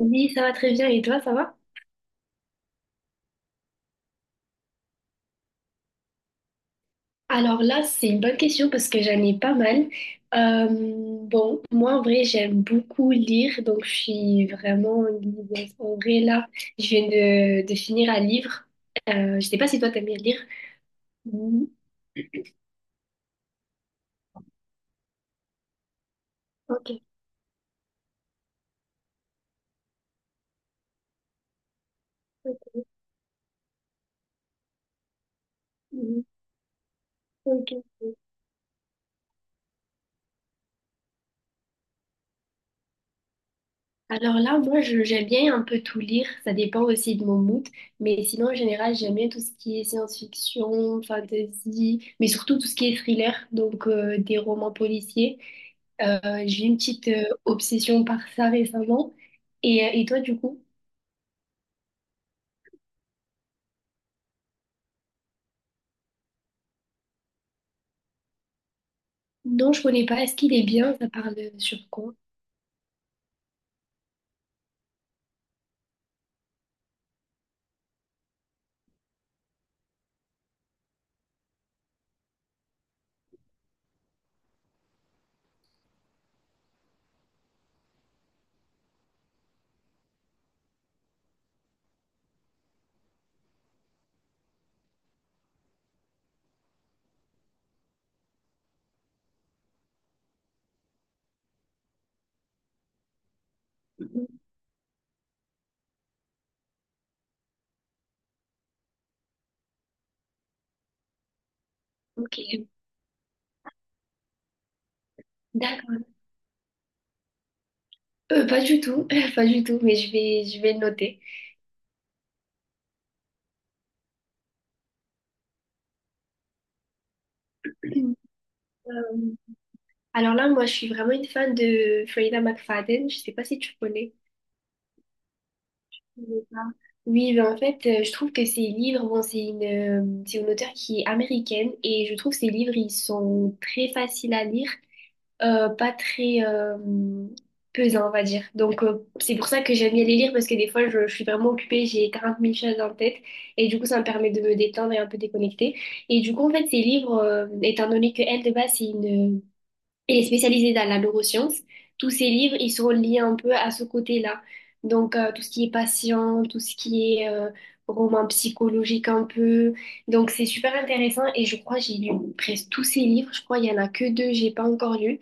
Oui, ça va très bien. Et toi, ça va? Alors là, c'est une bonne question parce que j'en ai pas mal. Euh, moi, en vrai, j'aime beaucoup lire, donc je suis vraiment liseuse. En vrai, là, je viens de finir un livre. Je sais pas si toi, t'aimes bien lire. Mhm. Ok. Ok. Mhm. Ok. Alors là, moi, j'aime bien un peu tout lire, ça dépend aussi de mon mood, mais sinon, en général, j'aime bien tout ce qui est science-fiction, fantasy, mais surtout tout ce qui est thriller, donc des romans policiers. Euh, j'ai une petite obsession par ça récemment. Et toi, du coup? Non, je connais pas. Est-ce qu'il est bien? Ça parle sur quoi? Mhm. Ok, d'accord. Pas du tout, pas du tout, mais je vais le noter. Euh, alors là, moi, je suis vraiment une fan de Freida McFadden. Je sais pas si tu connais. C'est ça. Oui, ben en fait, je trouve que ces livres, bon, c'est une auteure qui est américaine et je trouve que ces livres, ils sont très faciles à lire, pas très pesants, on va dire. Donc, c'est pour ça que j'aime bien les lire parce que des fois, je suis vraiment occupée, j'ai 40 mille choses en tête et du coup, ça me permet de me détendre et un peu déconnecter. Et du coup, en fait, ces livres, étant donné que elle, de base, c'est une et est spécialisée dans la neuroscience. Tous ses livres, ils sont liés un peu à ce côté-là. Donc, tout ce qui est patient, tout ce qui est roman psychologique un peu. Donc, c'est super intéressant et je crois que j'ai lu presque tous ses livres. Je crois qu'il n'y en a que deux, j'ai pas encore lu.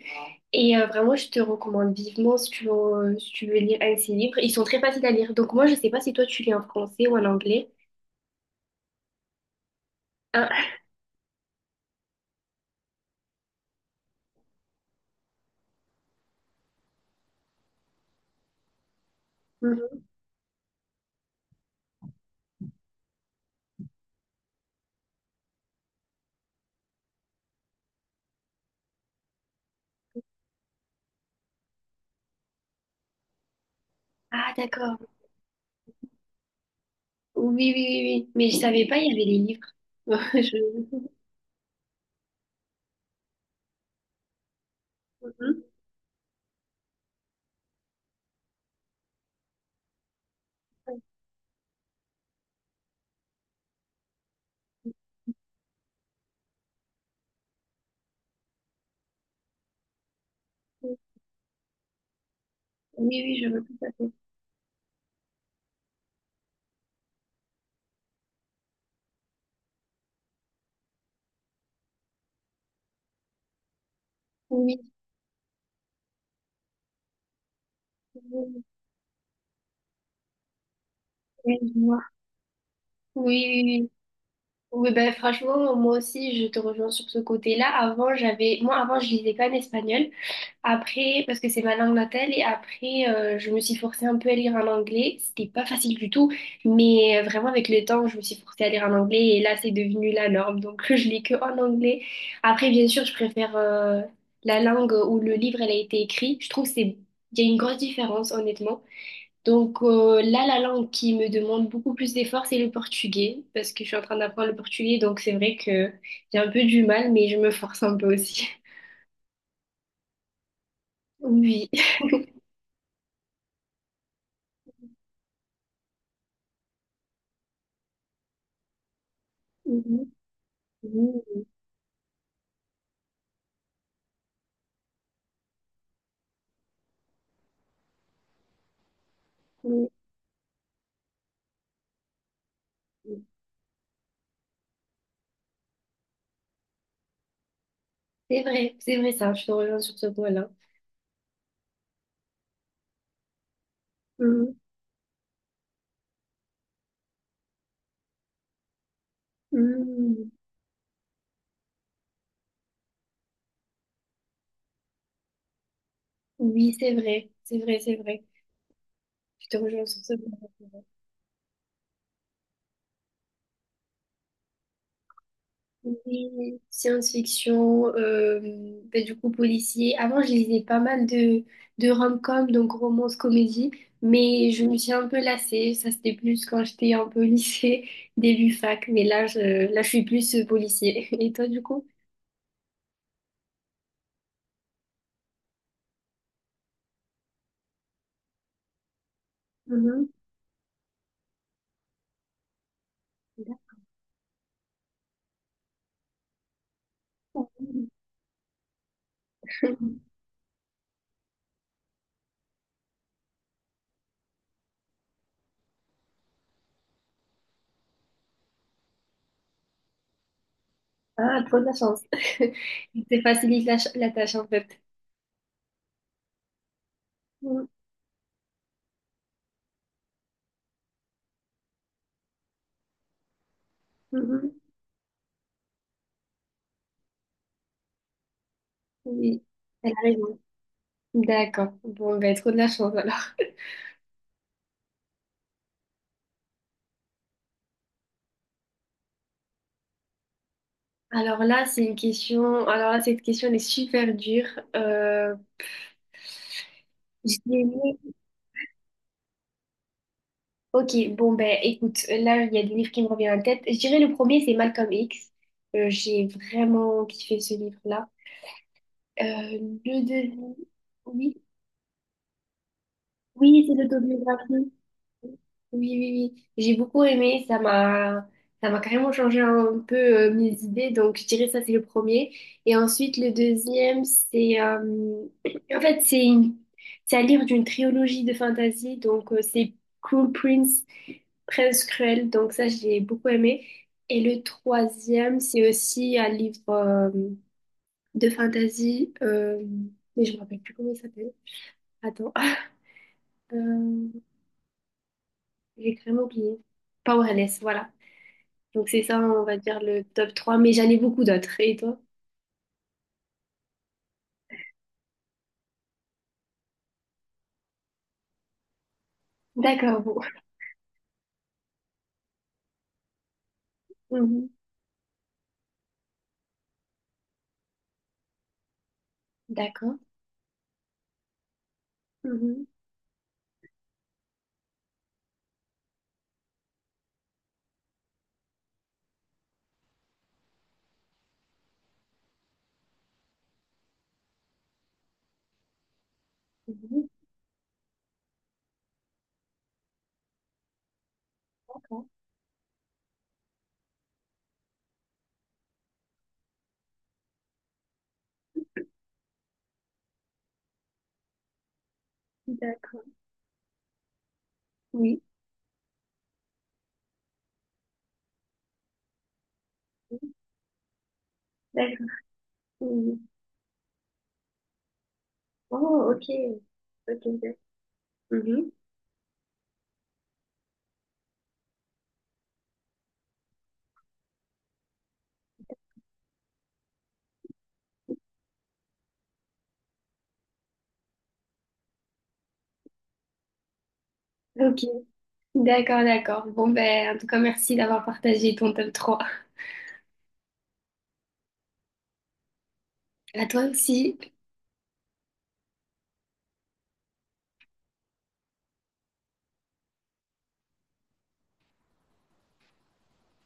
Et vraiment, je te recommande vivement si tu veux, si tu veux lire un de ses livres. Ils sont très faciles à lire. Donc, moi, je sais pas si toi, tu lis en français ou en anglais. Hein. Mhm. Ah, d'accord. Oui, oui, oui, oui. Mais je savais pas, il y avait les livres. Je- Mhm. Oui, oui, je veux tout à fait. Oui, oui, oui, je vois. Oui, oui, oui. Oui, ben, franchement, moi aussi, je te rejoins sur ce côté-là. Avant, j'avais, moi, avant, je lisais pas en espagnol. Après, parce que c'est ma langue natale, et après, je me suis forcée un peu à lire en anglais. C'était pas facile du tout, mais vraiment, avec le temps, je me suis forcée à lire en anglais, et là, c'est devenu la norme. Donc, je lis que en anglais. Après, bien sûr, je préfère, la langue où le livre, elle a été écrit. Je trouve que c'est, il y a une grosse différence, honnêtement. Donc là, la langue qui me demande beaucoup plus d'efforts, c'est le portugais, parce que je suis en train d'apprendre le portugais, donc c'est vrai que j'ai un peu du mal, mais je me force un peu aussi. Oui. Mhm. Mhm. Mhm. C'est vrai ça, je te rejoins sur ce point-là. Mhm. Mhm. Oui, c'est vrai, c'est vrai, c'est vrai. Je te rejoins sur ce point-là. Oui, science-fiction, ben, du coup policier. Avant, je lisais pas mal de rom-com, donc romance, comédie, mais je me suis un peu lassée. Ça, c'était plus quand j'étais un peu au lycée, début fac, là, je suis plus policier. Et toi, du coup? Mhm. D'accord. Ah, trop de la chance. C'est facilite la tâche, en fait. Mhm. Mhm. Oui, elle a raison. D'accord. Bon, ben, trop de la chance, alors. Alors là, c'est une question. Alors là, cette question elle est super dure. Euh, je dirais- Ok, bon ben, écoute, là, il y a des livres qui me reviennent en tête. Je dirais le premier, c'est Malcolm X. J'ai vraiment kiffé ce livre-là. Euh, le deuxième, oui, oui, c'est l'autobiographie. Oui, oui, oui. J'ai beaucoup aimé. Ça m'a carrément changé un peu mes idées. Donc, je dirais ça, c'est le premier. Et ensuite, le deuxième, c'est, en fait, c'est une- c'est à lire d'une trilogie de fantasy. Donc, c'est Crown Prince, Prince Cruel. Donc, ça, j'ai beaucoup aimé. Et le troisième, c'est aussi un livre de fantasy. Mais je me rappelle plus comment il s'appelle. Attends, Euh, j'ai carrément oublié. Powerless, voilà. Donc c'est ça, on va dire le top 3. Mais j'en ai beaucoup d'autres. Et toi? D'accord, bon. Mhm. D'accord. Mhm. Mhm, d'accord. D'accord. Oui. D'accord. Mhm. Oh, ok. Ok, ok. Mhm. Ok. D'accord, d'accord. Bon, ben, en tout cas, merci d'avoir partagé ton top 3. À toi aussi.